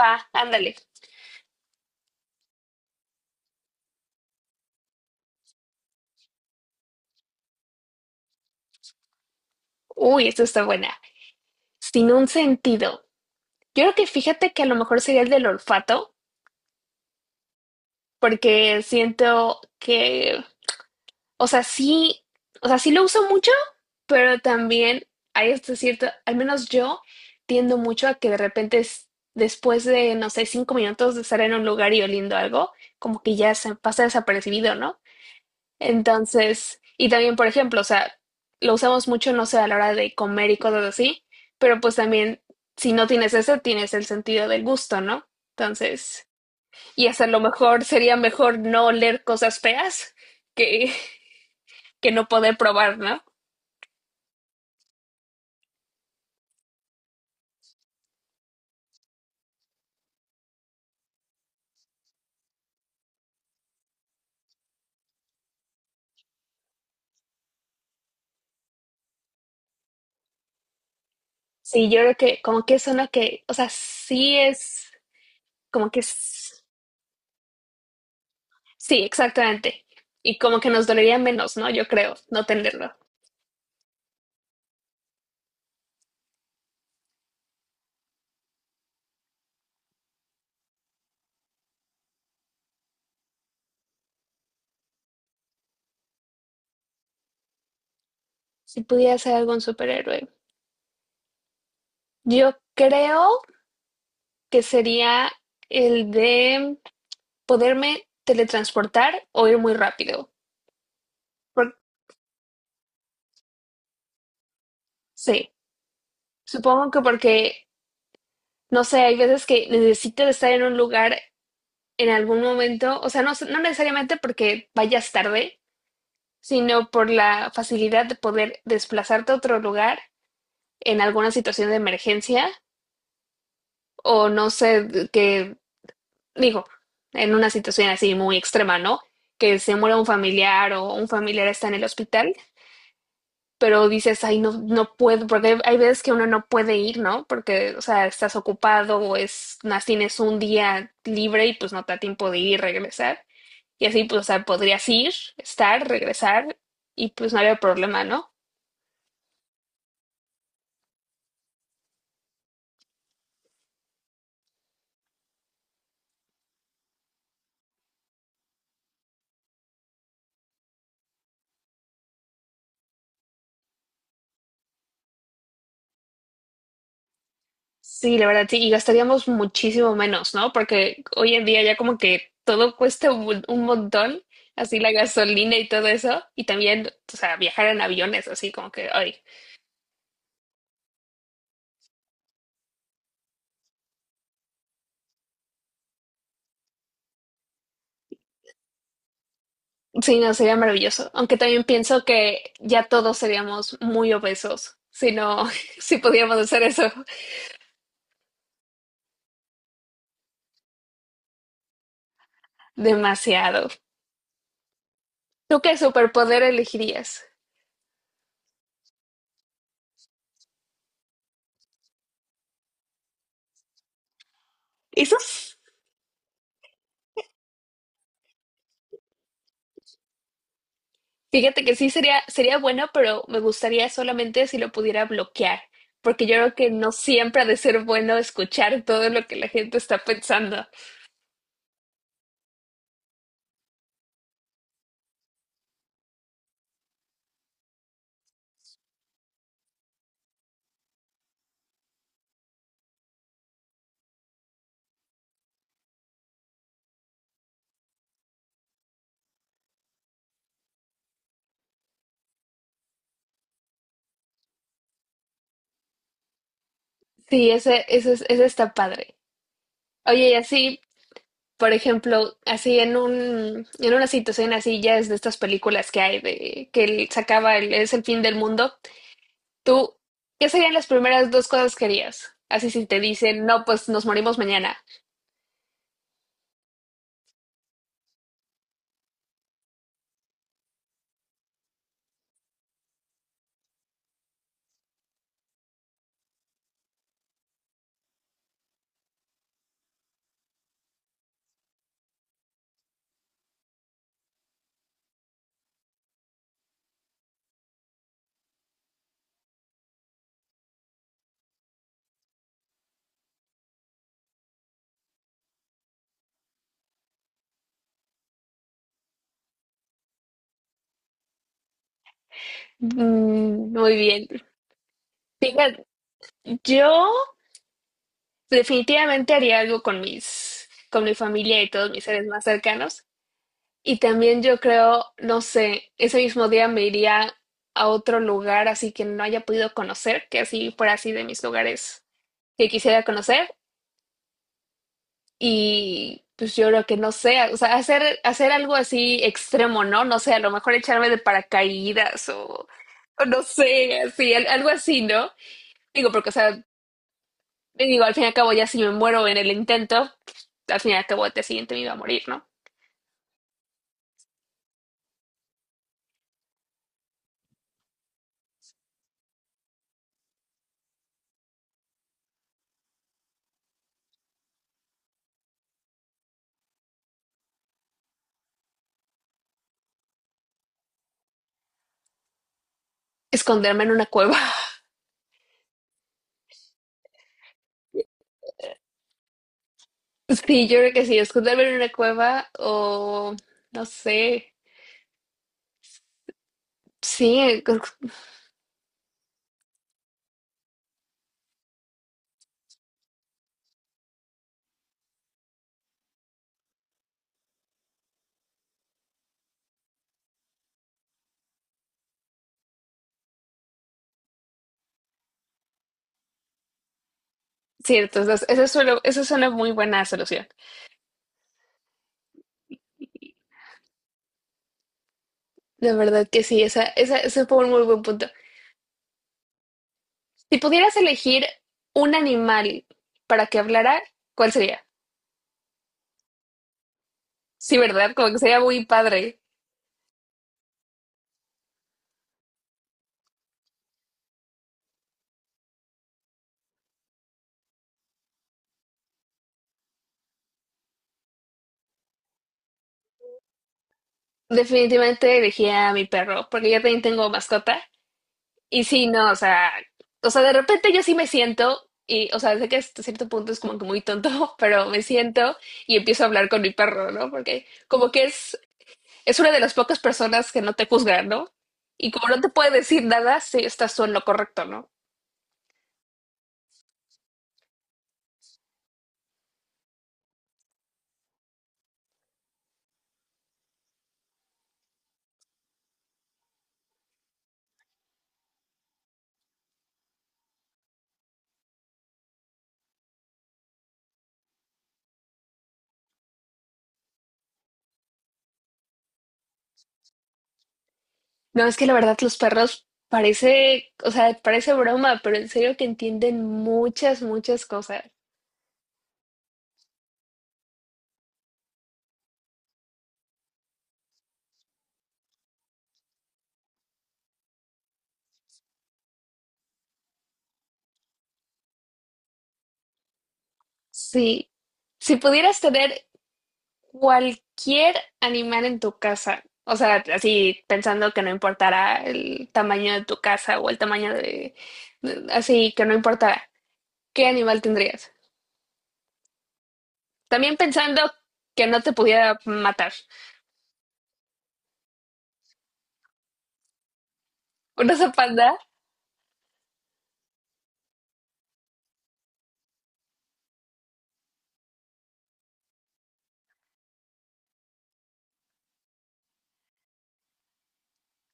Va, ándale. Uy, esto está buena. Sin un sentido. Yo creo que fíjate que a lo mejor sería el del olfato, porque siento que, o sea, sí, o sea, sí lo uso mucho, pero también hay este cierto, al menos yo tiendo mucho a que de repente después de, no sé, 5 minutos de estar en un lugar y oliendo algo, como que ya se pasa desapercibido, ¿no? Entonces, y también, por ejemplo, o sea, lo usamos mucho, no sé, a la hora de comer y cosas así, pero pues también, si no tienes ese, tienes el sentido del gusto, ¿no? Entonces, y hasta a lo mejor sería mejor no oler cosas feas que, que no poder probar, ¿no? Sí, yo creo que como que es una que, o sea, sí es, como que es, sí, exactamente. Y como que nos dolería menos, ¿no? Yo creo, no tenerlo. Si pudiera ser algún superhéroe. Yo creo que sería el de poderme teletransportar o ir muy rápido. Por- sí, supongo que porque, no sé, hay veces que necesito estar en un lugar en algún momento, o sea, no, no necesariamente porque vayas tarde, sino por la facilidad de poder desplazarte a otro lugar en alguna situación de emergencia o no sé, que digo, en una situación así muy extrema, ¿no? Que se muera un familiar o un familiar está en el hospital pero dices, ay, no, no puedo, porque hay veces que uno no puede ir, ¿no? Porque, o sea, estás ocupado o es, más tienes un día libre y pues no te da tiempo de ir y regresar. Y así, pues, o sea, podrías ir, estar, regresar y pues no había problema, ¿no? Sí, la verdad, sí, y gastaríamos muchísimo menos, ¿no? Porque hoy en día ya como que todo cuesta un montón, así la gasolina y todo eso, y también, o sea, viajar en aviones, así como que, ay, sí, no, sería maravilloso. Aunque también pienso que ya todos seríamos muy obesos si no, si pudiéramos hacer eso demasiado. ¿Tú qué superpoder elegirías? Eso s- Fíjate que sí sería, sería bueno, pero me gustaría solamente si lo pudiera bloquear, porque yo creo que no siempre ha de ser bueno escuchar todo lo que la gente está pensando. Sí, ese está padre. Oye, y así por ejemplo, así en un, en una situación así, ya es de estas películas que hay de que es el fin del mundo, tú, ¿qué serían las primeras dos cosas que harías? Así si te dicen, no, pues nos morimos mañana. Mm, muy bien. Fíjate, yo definitivamente haría algo con mis, con mi familia y todos mis seres más cercanos. Y también yo creo, no sé, ese mismo día me iría a otro lugar así que no haya podido conocer, que así fuera así de mis lugares que quisiera conocer y pues yo creo que no sé, o sea, hacer algo así extremo, ¿no? No sé, a lo mejor echarme de paracaídas o no sé, así, algo así, ¿no? Digo, porque, o sea, digo, al fin y al cabo ya si me muero en el intento, al fin y al cabo el día siguiente me iba a morir, ¿no? Esconderme en una cueva. Sí, yo creo que sí, esconderme en una cueva o no sé. Sí, cierto, entonces, eso suena muy buena solución. De verdad que sí, esa, ese fue un muy buen punto. Si pudieras elegir un animal para que hablara, ¿cuál sería? Sí, ¿verdad? Como que sería muy padre. Definitivamente elegiría a mi perro, porque yo también tengo mascota. Y sí, no, o sea, de repente yo sí me siento, y, o sea, sé que hasta cierto punto es como que muy tonto, pero me siento y empiezo a hablar con mi perro, ¿no? Porque como que es una de las pocas personas que no te juzgan, ¿no? Y como no te puede decir nada, sí estás tú en lo correcto, ¿no? No, es que la verdad los perros parece, o sea, parece broma, pero en serio que entienden muchas, muchas cosas. Sí. Si pudieras tener cualquier animal en tu casa, o sea, así pensando que no importara el tamaño de tu casa o el tamaño de, así que no importara, ¿qué animal tendrías? También pensando que no te pudiera matar. ¿Una panda?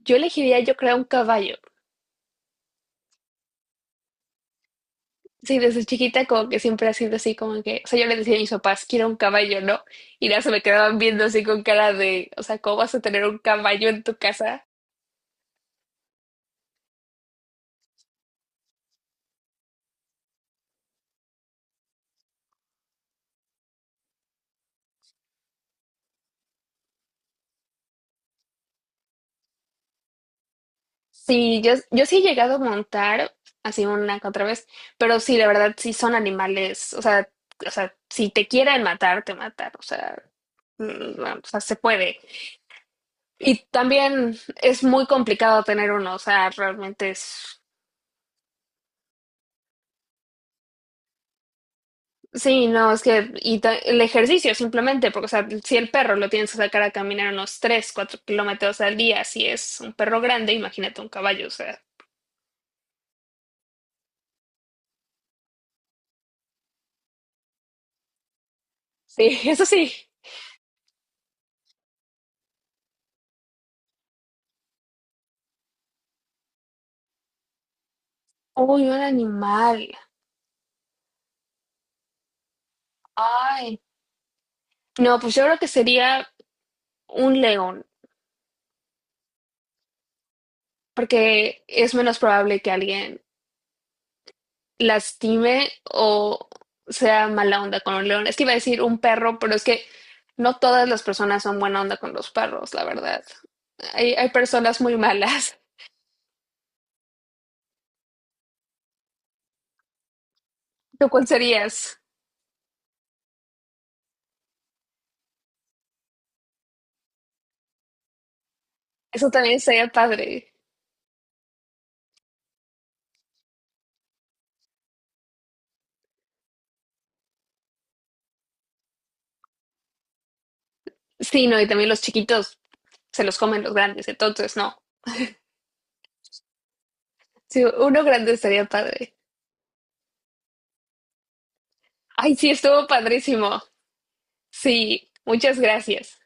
Yo elegiría, yo creo, un caballo. Sí, desde chiquita como que siempre ha sido así, como que, o sea, yo le decía a mis papás, quiero un caballo, ¿no? Y ya se me quedaban viendo así con cara de, o sea, ¿cómo vas a tener un caballo en tu casa? Sí, yo sí he llegado a montar así una que otra vez, pero sí, la verdad, sí son animales, o sea, si te quieren matar, te matan, o sea, mm, no, o sea, se puede. Y también es muy complicado tener uno, o sea, realmente es sí, no, es que y el ejercicio simplemente, porque o sea, si el perro lo tienes que sacar a caminar unos 3, 4 kilómetros al día, si es un perro grande, imagínate un caballo, o sea, sí, eso sí. Uy, un animal. Ay, no, pues yo creo que sería un león, porque es menos probable que alguien lastime o sea mala onda con un león. Es que iba a decir un perro, pero es que no todas las personas son buena onda con los perros, la verdad. Hay personas muy malas. ¿Tú cuál serías? Eso también sería padre. Sí, no, y también los chiquitos se los comen los grandes, entonces no. Sí, uno grande estaría padre. Ay, sí, estuvo padrísimo. Sí, muchas gracias.